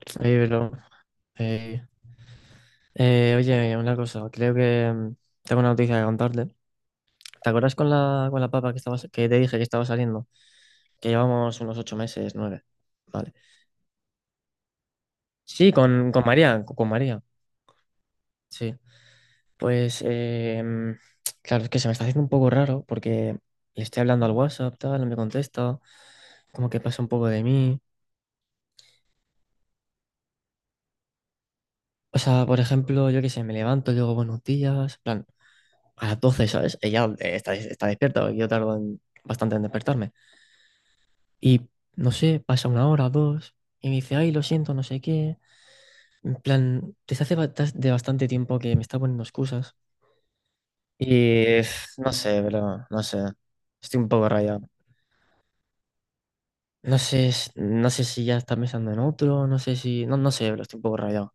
Oye, pero, eh, oye, una cosa, creo que tengo una noticia que contarte. ¿Te acuerdas con la papa que estaba, que te dije que estaba saliendo? Que llevamos unos 8 meses, nueve. Vale. Sí, con María, con María, sí. Pues, claro, es que se me está haciendo un poco raro porque le estoy hablando al WhatsApp, tal, no me contesta, como que pasa un poco de mí. O sea, por ejemplo, yo qué sé, me levanto, le digo buenos días, en plan, a las 12, ¿sabes? Ella está, está despierta, porque yo tardo bastante en despertarme. Y no sé, pasa una hora, o dos, y me dice, ay, lo siento, no sé qué. En plan, desde hace de bastante tiempo que me está poniendo excusas. Y eh, no sé, bro, no sé. Estoy un poco rayado. No sé, no sé si ya está pensando en otro, no sé si. No, no sé, bro, estoy un poco rayado.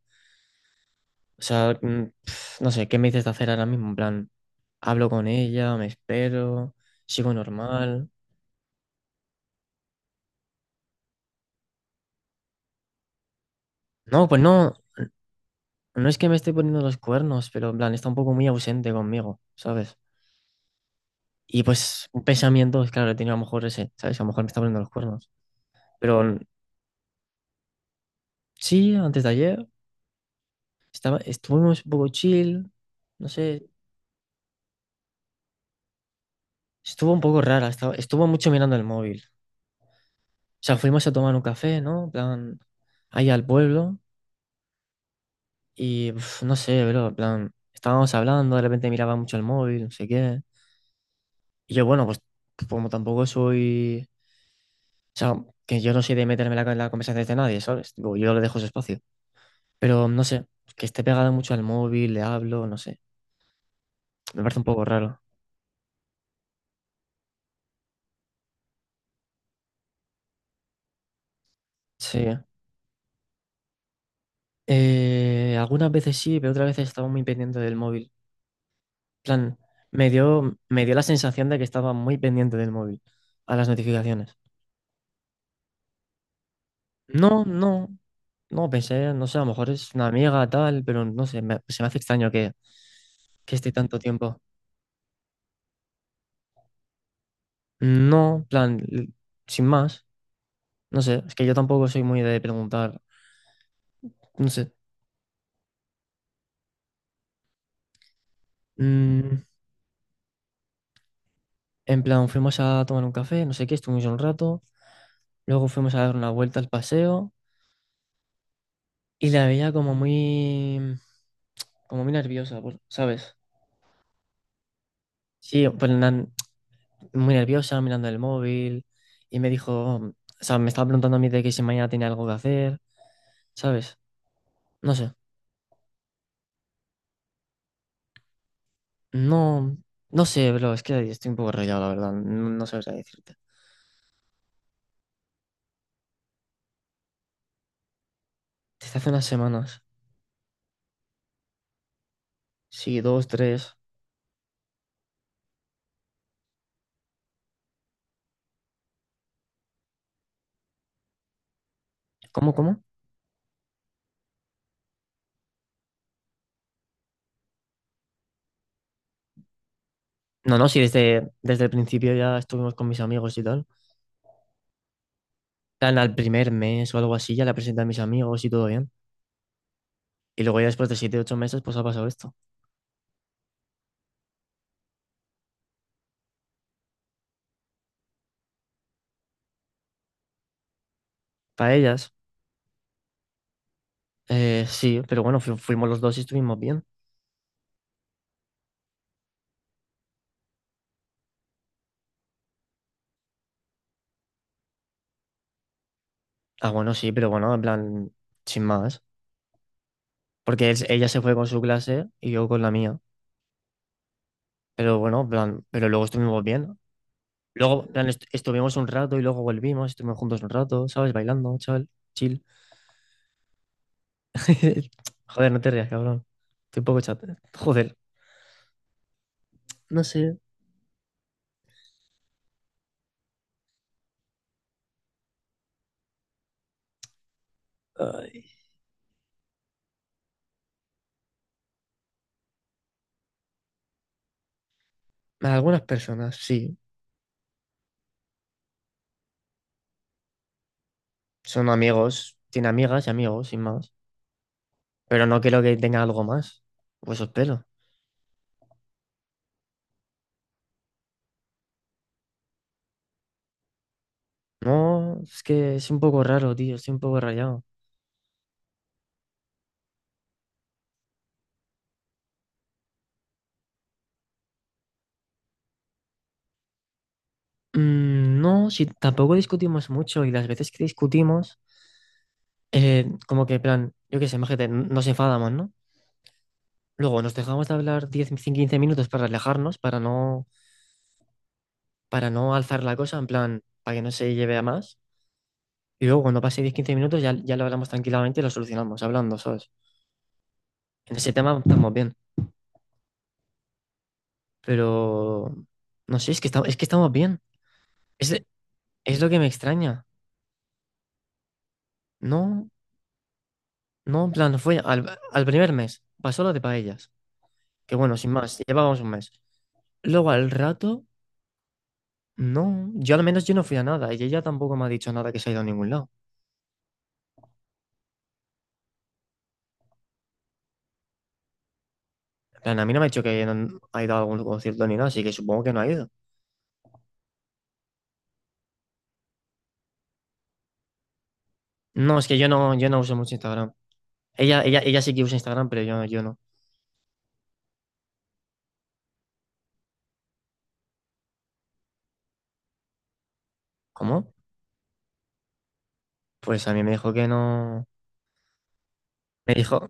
O sea, no sé, ¿qué me dices de hacer ahora mismo? En plan, hablo con ella, me espero, sigo normal. No, pues no, no es que me esté poniendo los cuernos, pero en plan, está un poco muy ausente conmigo, ¿sabes? Y pues un pensamiento, es claro, he tenido a lo mejor ese, ¿sabes? A lo mejor me está poniendo los cuernos. Pero sí, antes de ayer estaba, estuvimos un poco chill, no sé, estuvo un poco rara, estaba, estuvo mucho mirando el móvil. O sea, fuimos a tomar un café, ¿no? En plan, ahí al pueblo y uf, no sé, pero en plan, estábamos hablando, de repente miraba mucho el móvil, no sé qué. Y yo, bueno, pues como tampoco soy, o sea, que yo no soy de meterme en la conversación de nadie, ¿sabes? Tipo, yo le dejo su espacio. Pero no sé, que esté pegado mucho al móvil, le hablo, no sé. Me parece un poco raro. Sí. Algunas veces sí, pero otras veces estaba muy pendiente del móvil. En plan, me dio la sensación de que estaba muy pendiente del móvil, a las notificaciones. No, no, no, pensé, no sé, a lo mejor es una amiga, tal, pero no sé, se me hace extraño que esté tanto tiempo. No, en plan, sin más, no sé, es que yo tampoco soy muy de preguntar, no sé. Mm, En plan, fuimos a tomar un café, no sé qué, estuvimos un rato, luego fuimos a dar una vuelta al paseo y la veía como muy nerviosa, ¿sabes? Sí, pues, muy nerviosa, mirando el móvil y me dijo, o sea, me estaba preguntando a mí de que si mañana tenía algo que hacer, ¿sabes? No sé, no, no sé, bro, es que estoy un poco rayado, la verdad, no, no sabría decirte. Desde hace unas semanas, sí, dos, tres, ¿cómo, cómo? No, no, sí, desde el principio ya estuvimos con mis amigos y tal. Tan al primer mes o algo así, ya la presenté a mis amigos y todo bien. Y luego ya después de 7 u 8 meses, pues ha pasado esto. Para ellas, sí, pero bueno, fuimos los dos y estuvimos bien. Ah, bueno, sí, pero bueno, en plan, sin más. Porque ella se fue con su clase y yo con la mía. Pero bueno, en plan, pero luego estuvimos bien. Luego, en plan, estuvimos un rato y luego volvimos, estuvimos juntos un rato, ¿sabes? Bailando, chaval, chill. Joder, no te rías, cabrón. Estoy un poco chat. Joder, no sé. Ay, algunas personas, sí. Son amigos, tiene amigas y amigos, sin más. Pero no quiero que tenga algo más. Pues os pelo. No, es que es un poco raro, tío, estoy un poco rayado. No, si tampoco discutimos mucho y las veces que discutimos, como que, en plan, yo qué sé, imagínate, nos enfadamos, ¿no? Luego nos dejamos de hablar 10, 15 minutos para relajarnos, para no alzar la cosa, en plan, para que no se lleve a más. Y luego cuando pase 10 o 15 minutos ya, ya lo hablamos tranquilamente y lo solucionamos hablando, ¿sabes? En ese tema estamos bien. Pero no sé, es que estamos bien. Es, es lo que me extraña. No, no, en plan, no fue al primer mes, pasó lo de paellas. Que bueno, sin más, llevábamos un mes. Luego al rato, no. Yo al menos yo no fui a nada y ella tampoco me ha dicho nada que se ha ido a ningún lado. En plan, a mí no me ha dicho que no ha ido a algún concierto ni nada, así que supongo que no ha ido. No, es que yo no uso mucho Instagram. Ella sí que usa Instagram, pero yo no. ¿Cómo? Pues a mí me dijo que no. Me dijo,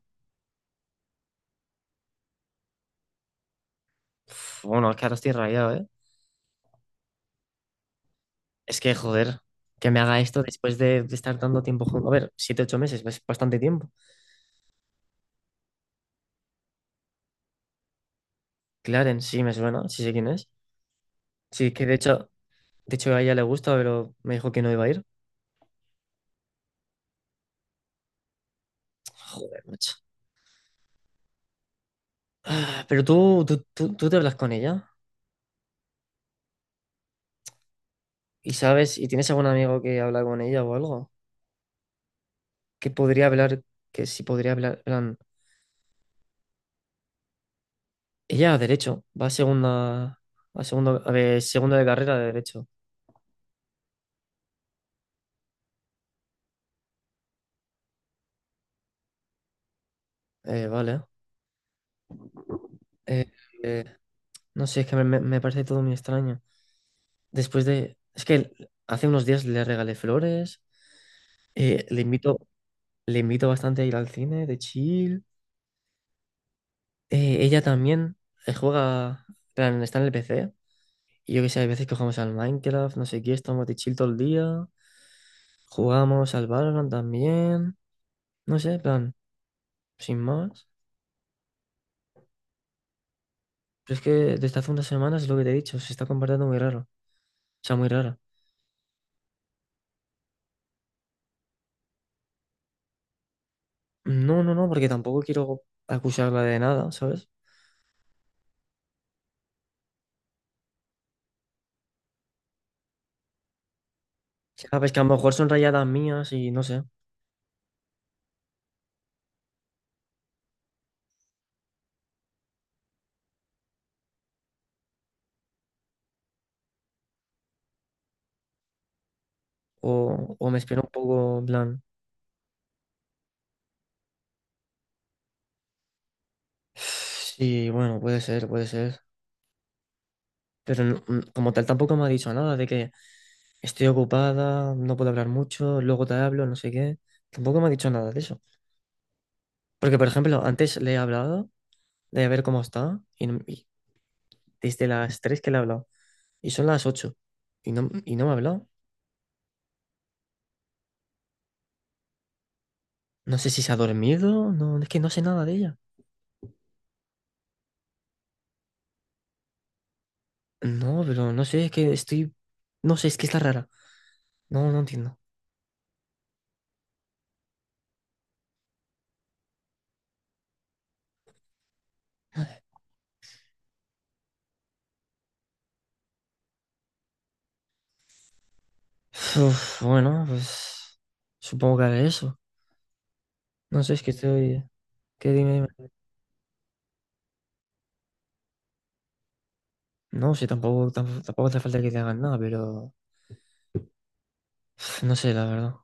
uf, bueno, es que ahora estoy rayado, ¿eh? Es que, joder, que me haga esto después de estar tanto tiempo juntos. A ver, 7 u 8 meses, es bastante tiempo. Clarence, sí me suena, sí sé quién es. Sí, de hecho a ella le gusta, pero me dijo que no iba a ir. Joder, macho. Ah, pero tú te hablas con ella y sabes, y tienes algún amigo que habla con ella o algo, que podría hablar, que sí podría hablar, en plan, ella a derecho, va a segunda, a segundo, a ver, segundo de carrera de derecho. Vale. Eh, eh, no sé, es que me parece todo muy extraño. Después de... Es que hace unos días le regalé flores, eh, le invito, le invito bastante a ir al cine de chill. Ella también juega, plan, está en el PC. Y yo que sé, hay veces que jugamos al Minecraft, no sé qué, estamos de chill todo el día. Jugamos al Valorant también. No sé, plan, sin más. Pero es que desde hace unas semanas es lo que te he dicho, se está comportando muy raro. O sea, muy rara. No, porque tampoco quiero acusarla de nada, ¿sabes? Sabes que a lo mejor son rayadas mías y no sé. O me espero un poco, en plan. Sí, bueno, puede ser, puede ser. Pero como tal tampoco me ha dicho nada de que estoy ocupada, no puedo hablar mucho, luego te hablo, no sé qué. Tampoco me ha dicho nada de eso. Porque, por ejemplo, antes le he hablado de ver cómo está y, no- y desde las 3 que le he hablado y son las 8 y no me ha hablado. No sé si se ha dormido, no, es que no sé nada de ella. No, pero no sé, es que estoy... No sé, es que está rara. No, no entiendo. Uf, bueno, pues supongo que haré eso. No sé, es que estoy... ¿Qué dime? Dime. No, sí tampoco, tampoco hace falta que te hagan nada, pero pf, no sé, la verdad.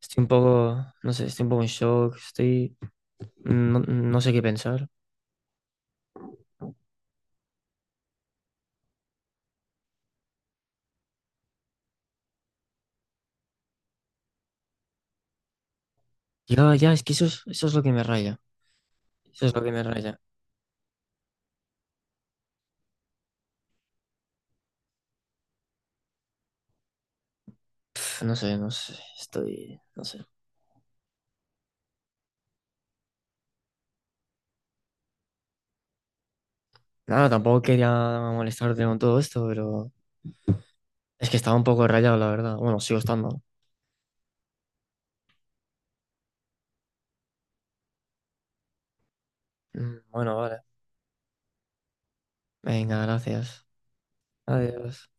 Estoy un poco, no sé, estoy un poco en shock, estoy... No, no sé qué pensar. Ya, ya, es que eso es lo que me raya. Eso es lo que me raya. Pf, no sé, estoy... No sé. Nada, tampoco quería molestarte con todo esto, pero es que estaba un poco rayado, la verdad. Bueno, sigo estando. Bueno, vale. Venga, gracias. Adiós.